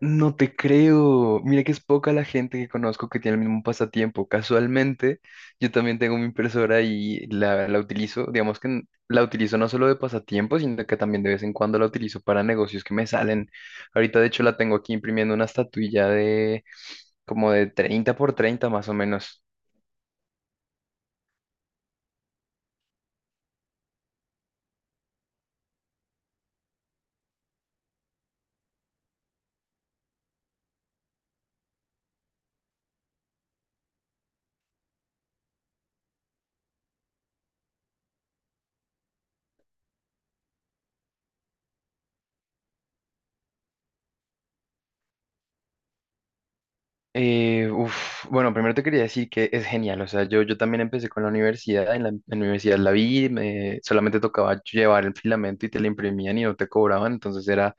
No te creo. Mira que es poca la gente que conozco que tiene el mismo pasatiempo. Casualmente, yo también tengo mi impresora y la utilizo, digamos que la utilizo no solo de pasatiempo, sino que también de vez en cuando la utilizo para negocios que me salen. Ahorita, de hecho, la tengo aquí imprimiendo una estatuilla de como de 30 por 30 más o menos. Bueno, primero te quería decir que es genial, o sea, yo también empecé con la universidad, en en la universidad la vi, solamente tocaba llevar el filamento y te lo imprimían y no te cobraban, entonces era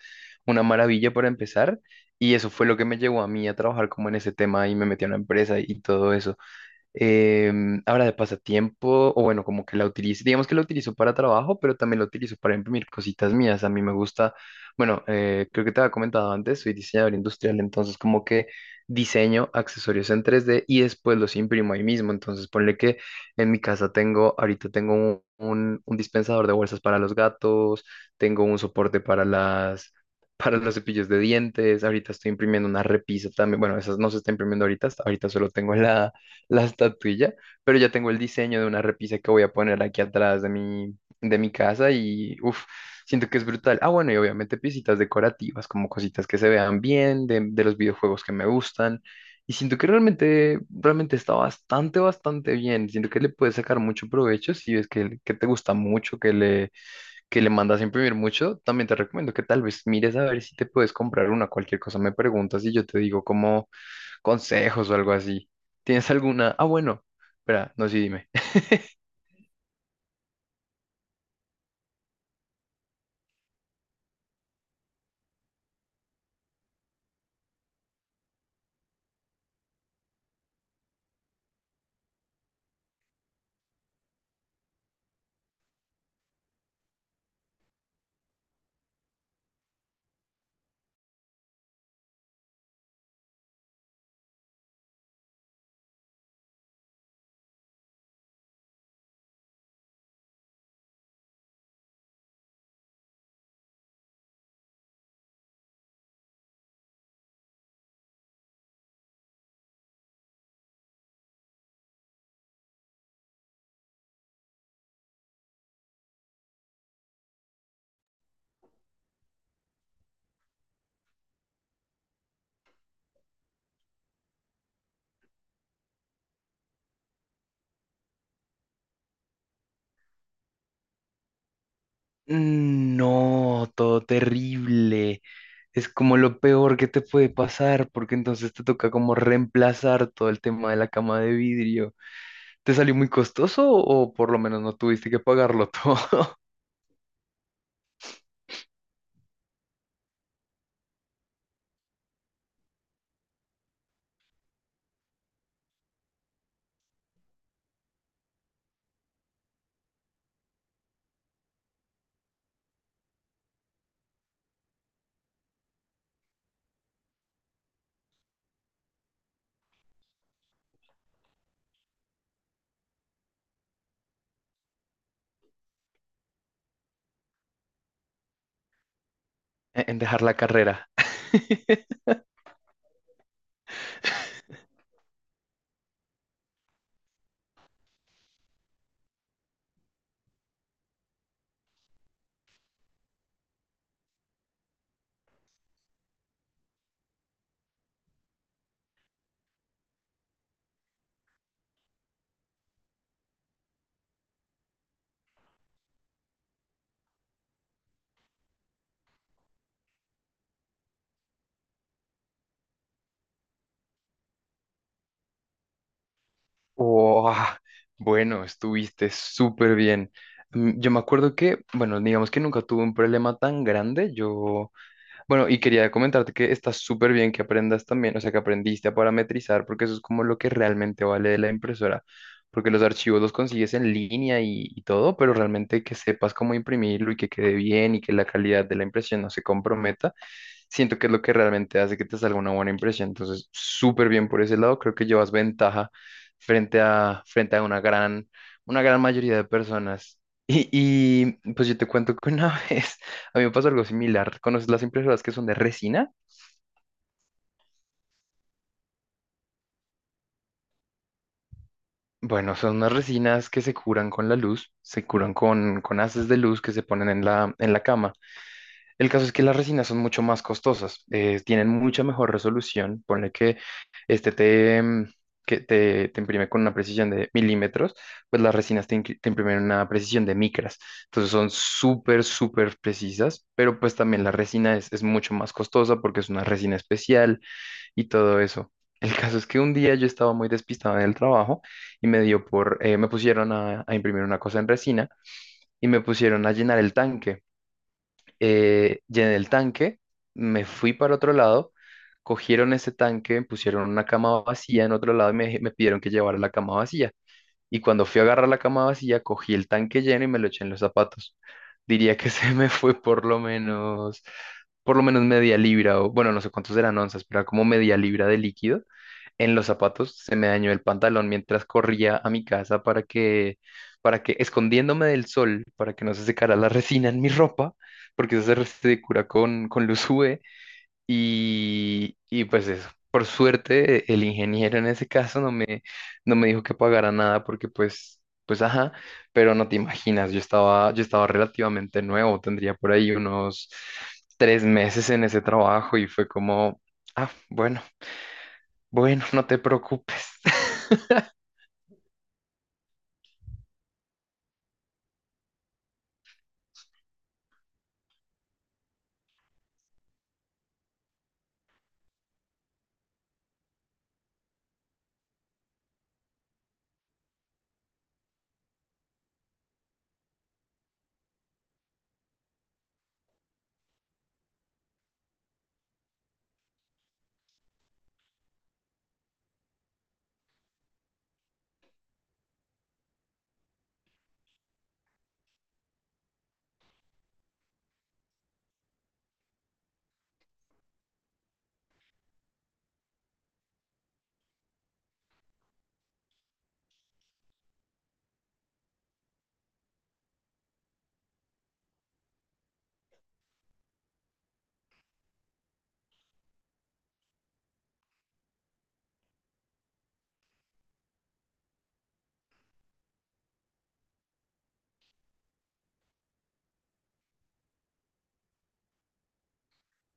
una maravilla para empezar y eso fue lo que me llevó a mí a trabajar como en ese tema y me metí a una empresa y todo eso. Ahora de pasatiempo, o bueno, como que la utilizo, digamos que la utilizo para trabajo, pero también la utilizo para imprimir cositas mías. A mí me gusta, bueno, creo que te había comentado antes, soy diseñador industrial, entonces como que diseño accesorios en tres d y después los imprimo ahí mismo. Entonces ponle que en mi casa tengo, ahorita tengo un, un dispensador de bolsas para los gatos, tengo un soporte para las... para los cepillos de dientes, ahorita estoy imprimiendo una repisa también, bueno, esas no se está imprimiendo ahorita, ahorita solo tengo la, la estatuilla, pero ya tengo el diseño de una repisa que voy a poner aquí atrás de mi casa y uff, siento que es brutal. Ah, bueno, y obviamente piecitas decorativas, como cositas que se vean bien, de los videojuegos que me gustan. Y siento que realmente, realmente está bastante, bastante bien. Siento que le puedes sacar mucho provecho si ves que te gusta mucho, que le mandas a imprimir mucho. También te recomiendo que tal vez mires a ver si te puedes comprar una, cualquier cosa me preguntas y yo te digo cómo consejos o algo así. ¿Tienes alguna? Ah, bueno, espera, no, sí, dime. No, todo terrible. Es como lo peor que te puede pasar, porque entonces te toca como reemplazar todo el tema de la cama de vidrio. ¿Te salió muy costoso o por lo menos no tuviste que pagarlo todo en dejar la carrera? Oh, bueno, estuviste súper bien. Mm, yo me acuerdo que, bueno, digamos que nunca tuve un problema tan grande. Yo bueno, y quería comentarte que está súper bien que aprendas también, o sea, que aprendiste a parametrizar, porque eso es como lo que realmente vale de la impresora, porque los archivos los consigues en línea y todo, pero realmente que sepas cómo imprimirlo y que quede bien y que la calidad de la impresión no se comprometa siento que es lo que realmente hace que te salga una buena impresión. Entonces, súper bien por ese lado, creo que llevas ventaja frente a, frente a una gran mayoría de personas. Y, pues yo te cuento que una vez a mí me pasó algo similar. ¿Conoces las impresoras que son de resina? Bueno, son unas resinas que se curan con la luz, se curan con haces de luz que se ponen en la cama. El caso es que las resinas son mucho más costosas, tienen mucha mejor resolución. Ponle que este te, mm, que te imprime con una precisión de milímetros, pues las resinas te, te imprimen una precisión de micras. Entonces son súper, súper precisas, pero pues también la resina es mucho más costosa porque es una resina especial y todo eso. El caso es que un día yo estaba muy despistado en el trabajo y me dio por, me pusieron a imprimir una cosa en resina y me pusieron a llenar el tanque llené el tanque, me fui para otro lado, cogieron ese tanque, pusieron una cama vacía en otro lado y me pidieron que llevara la cama vacía. Y cuando fui a agarrar la cama vacía, cogí el tanque lleno y me lo eché en los zapatos. Diría que se me fue por lo menos media libra, o bueno, no sé cuántos eran onzas, pero era como media libra de líquido. En los zapatos se me dañó el pantalón mientras corría a mi casa para que, escondiéndome del sol, para que no se secara la resina en mi ropa, porque eso se, se cura con luz UV, y pues eso, por suerte el ingeniero en ese caso no me, no me dijo que pagara nada porque pues, pues ajá, pero no te imaginas, yo estaba relativamente nuevo, tendría por ahí unos tres meses en ese trabajo y fue como, ah, bueno, bueno, no te preocupes.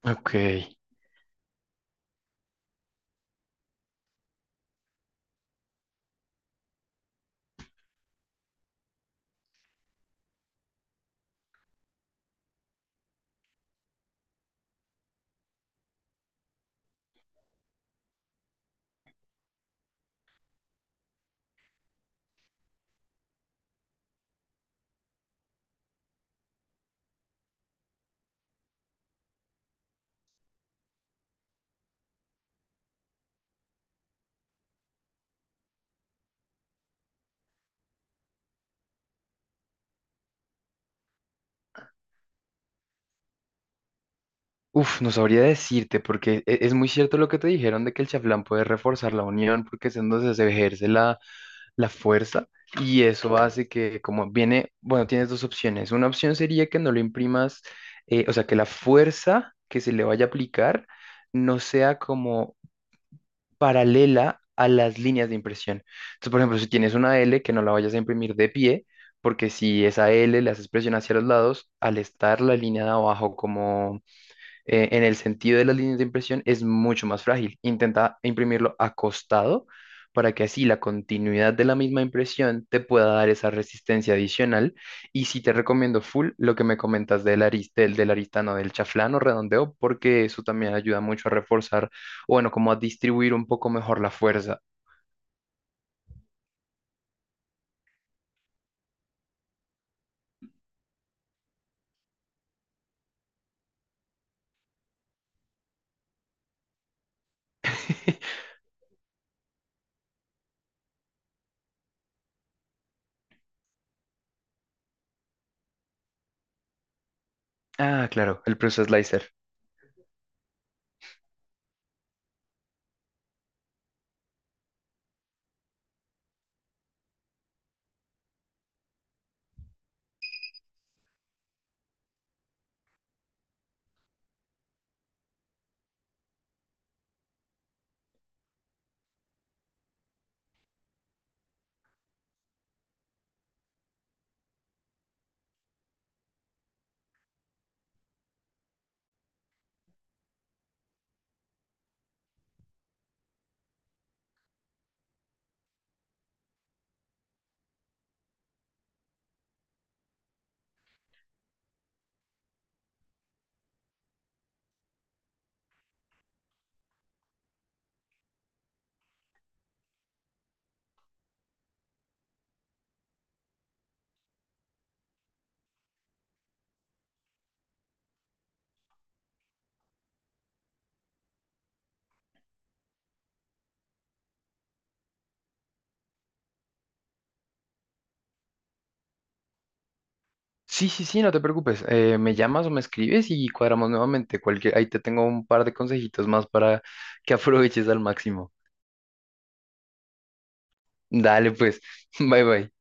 Ok. Uf, no sabría decirte, porque es muy cierto lo que te dijeron de que el chaflán puede reforzar la unión, porque es en donde se ejerce la, la fuerza, y eso hace que, como viene, bueno, tienes dos opciones. Una opción sería que no lo imprimas, o sea, que la fuerza que se le vaya a aplicar no sea como paralela a las líneas de impresión. Entonces, por ejemplo, si tienes una L, que no la vayas a imprimir de pie, porque si esa L la haces presión hacia los lados, al estar la línea de abajo como en el sentido de las líneas de impresión es mucho más frágil. Intenta imprimirlo acostado para que así la continuidad de la misma impresión te pueda dar esa resistencia adicional. Y si te recomiendo full lo que me comentas del arista del del aristano, del chaflán o redondeo, porque eso también ayuda mucho a reforzar, o bueno, como a distribuir un poco mejor la fuerza. Ah, claro, el proceso slicer. Sí, sí, sí, no te preocupes. Me llamas o me escribes y cuadramos nuevamente. Cualquier, ahí te tengo un par de consejitos más para que aproveches al máximo. Dale, pues. Bye, bye.